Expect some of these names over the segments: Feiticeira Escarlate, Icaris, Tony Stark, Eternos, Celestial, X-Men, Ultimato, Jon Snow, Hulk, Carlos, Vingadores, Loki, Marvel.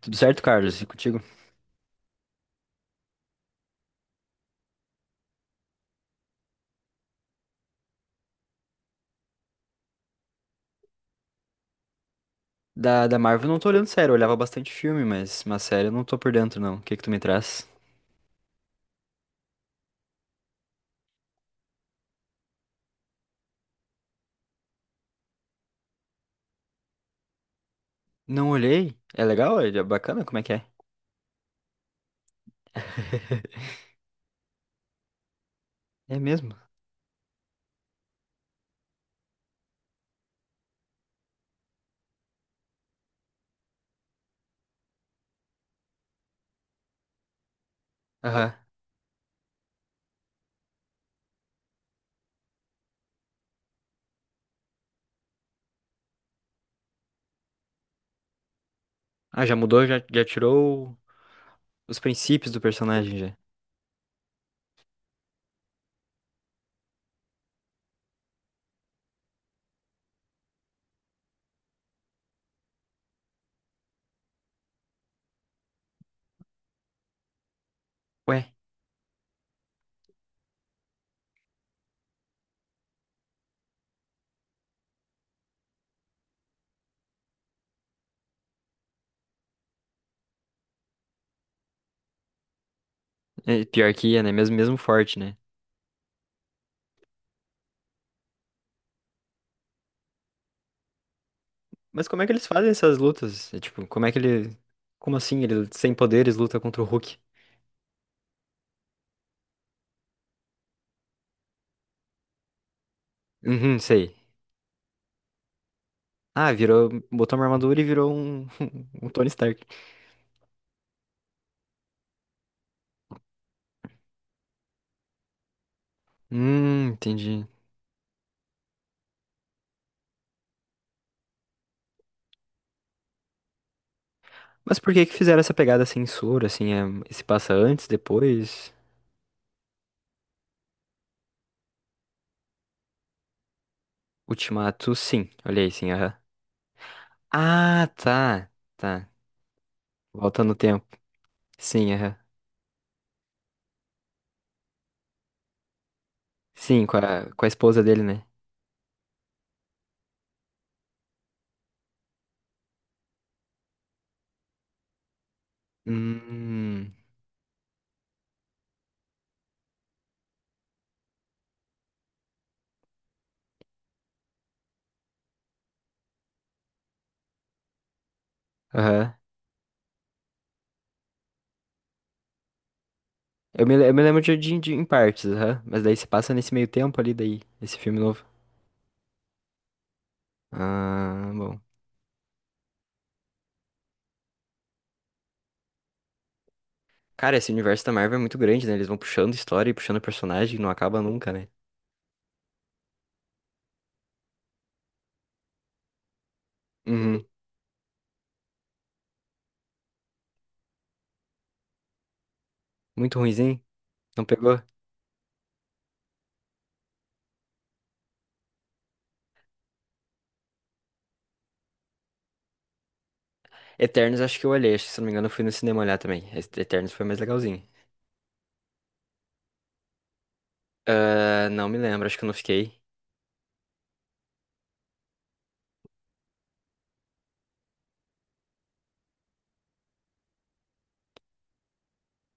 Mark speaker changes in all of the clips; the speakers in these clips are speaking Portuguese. Speaker 1: Tudo certo, Carlos? E contigo? Da Marvel eu não tô olhando sério, eu olhava bastante filme, mas uma série eu não tô por dentro, não. O que que tu me traz? Não olhei? É legal? É bacana? Como é que é? É mesmo? Aham. Ah, já mudou? Já tirou os princípios do personagem, já. Ué, é pior que ia, né? Mesmo, mesmo forte, né? Mas como é que eles fazem essas lutas? É, tipo, como é que ele. Como assim? Ele, sem poderes, luta contra o Hulk? Uhum, sei. Ah, virou. Botou uma armadura e virou um, um Tony Stark. Entendi. Mas por que que fizeram essa pegada censura, assim, é, se passa antes, depois? Ultimato, sim. Olha aí, sim, aham. Ah, tá, tá. Volta no tempo. Sim, aham. Sim, com a esposa dele, né? Hum, aham. Eu me lembro de em partes, aham. Mas daí se passa nesse meio tempo ali, daí, esse filme novo. Ah, bom. Cara, esse universo da Marvel é muito grande, né? Eles vão puxando história e puxando personagem, não acaba nunca, né? Uhum. Muito ruinzinho. Não pegou? Eternos acho que eu olhei, acho que se não me engano eu fui no cinema olhar também. Esse Eternos foi mais legalzinho. Ah, não me lembro, acho que eu não fiquei.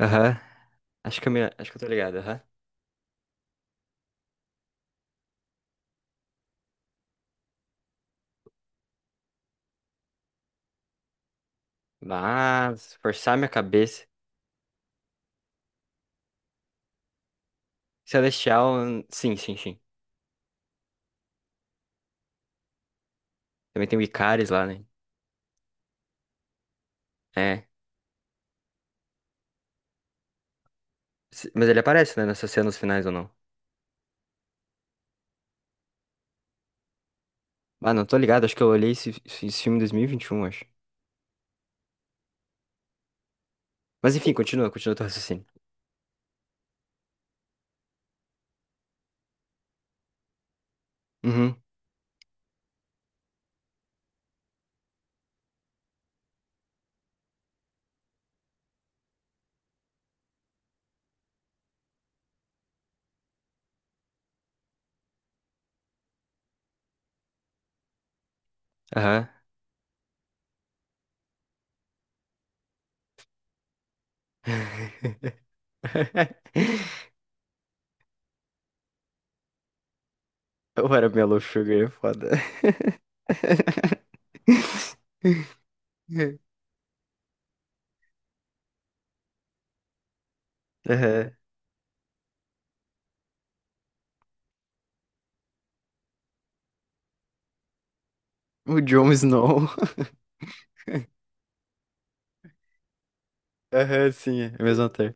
Speaker 1: Aham. Acho que eu tô ligado, aham. Mas, forçar minha cabeça. Celestial, sim, sim, sim. Também tem o Icaris lá, né? É. Mas ele aparece, né, nessas cenas finais ou não? Ah, não, tô ligado, acho que eu olhei esse filme em 2021 acho. Mas enfim, continua, continua teu raciocínio. Uhum, aham. Eu era Mellow Sugar, é foda. Aham. O Jon Snow. Aham, sim, é a mesma ator.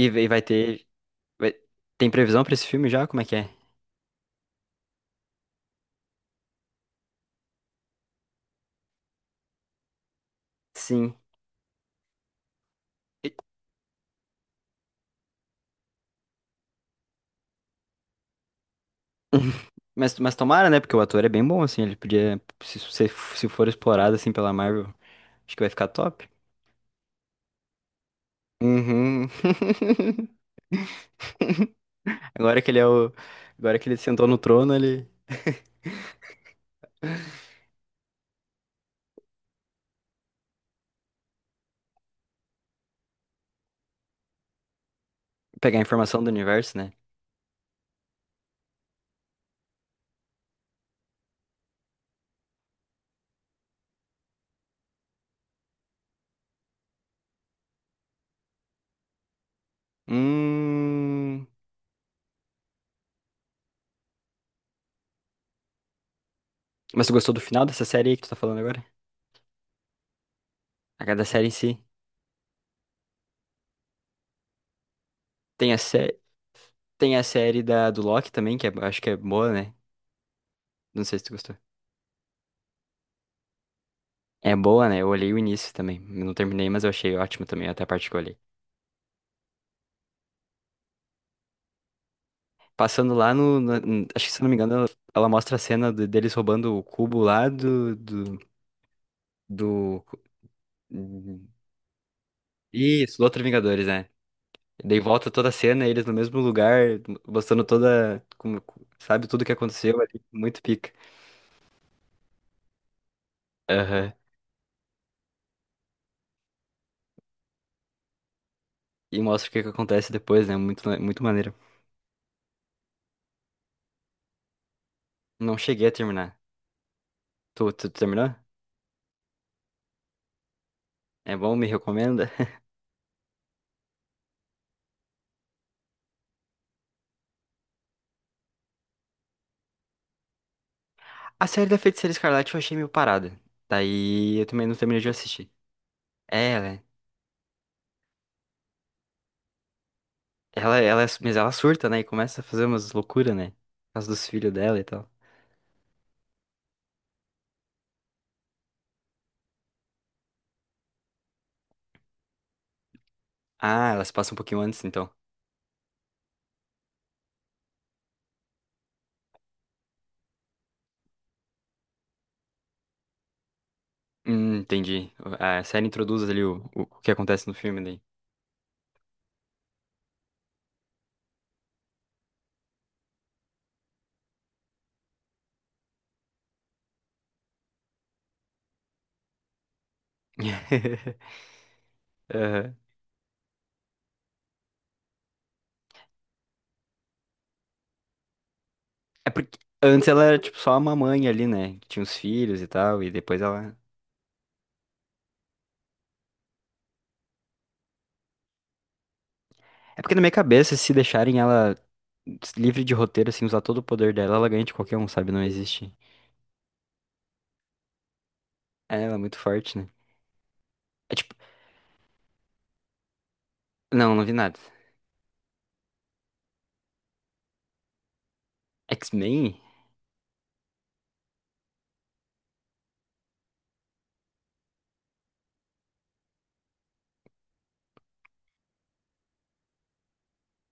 Speaker 1: E vai ter. vai- Tem previsão pra esse filme já? Como é que é? Sim. E- mas tomara, né? Porque o ator é bem bom, assim. Ele podia. Se for explorado, assim, pela Marvel, acho que vai ficar top. Uhum. Agora que ele é o. Agora que ele sentou no trono, ele. Pegar a informação do universo, né? Hum. Mas tu gostou do final dessa série aí que tu tá falando agora? A cada série em si. Tem a, sé... Tem a série da, do Loki também, que é, acho que é boa, né? Não sei se tu gostou. É boa, né? Eu olhei o início também. Eu não terminei, mas eu achei ótimo também, até a parte que eu olhei. Passando lá no... no- n- Acho que, se eu não me engano, ela mostra a cena deles roubando o cubo lá do... Isso, do outro Vingadores, né? Daí volta toda a cena, eles no mesmo lugar, mostrando Sabe, tudo que aconteceu ali. Muito pica. Aham. E mostra o que que acontece depois, né? Muito, muito maneiro. Não cheguei a terminar. Tu terminou? É bom? Me recomenda? A série da Feiticeira Escarlate eu achei meio parada. Daí eu também não terminei de assistir. É, ela, é- mas ela surta, né? E começa a fazer umas loucuras, né? Por causa dos filhos dela e tal. Ah, ela se passa um pouquinho antes, então. Entendi. A série introduz ali o que acontece no filme daí. Aham. É porque antes ela era tipo só uma mãe ali, né? que tinha os filhos e tal, e depois ela. É porque na minha cabeça, se deixarem ela livre de roteiro, assim, usar todo o poder dela, ela ganha de qualquer um, sabe? Não existe. É, ela é muito forte, né? É tipo, não, não vi nada. X-Men?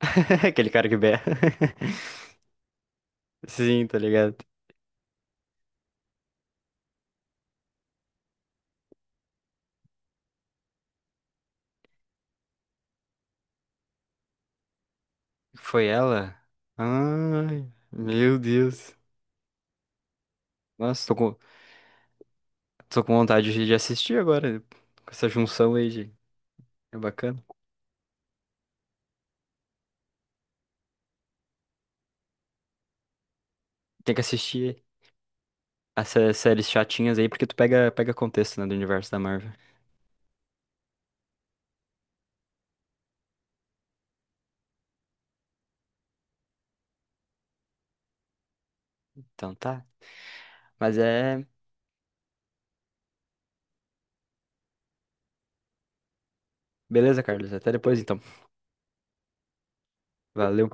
Speaker 1: Aquele cara que berra. Sim, tá ligado? Foi ela? Ai, meu Deus. Nossa, tô com vontade de assistir agora, né? Com essa junção aí de. É bacana. Tem que assistir essas séries chatinhas aí, porque tu pega contexto, né, do universo da Marvel. Então tá. Mas é. Beleza, Carlos? Até depois então. Valeu.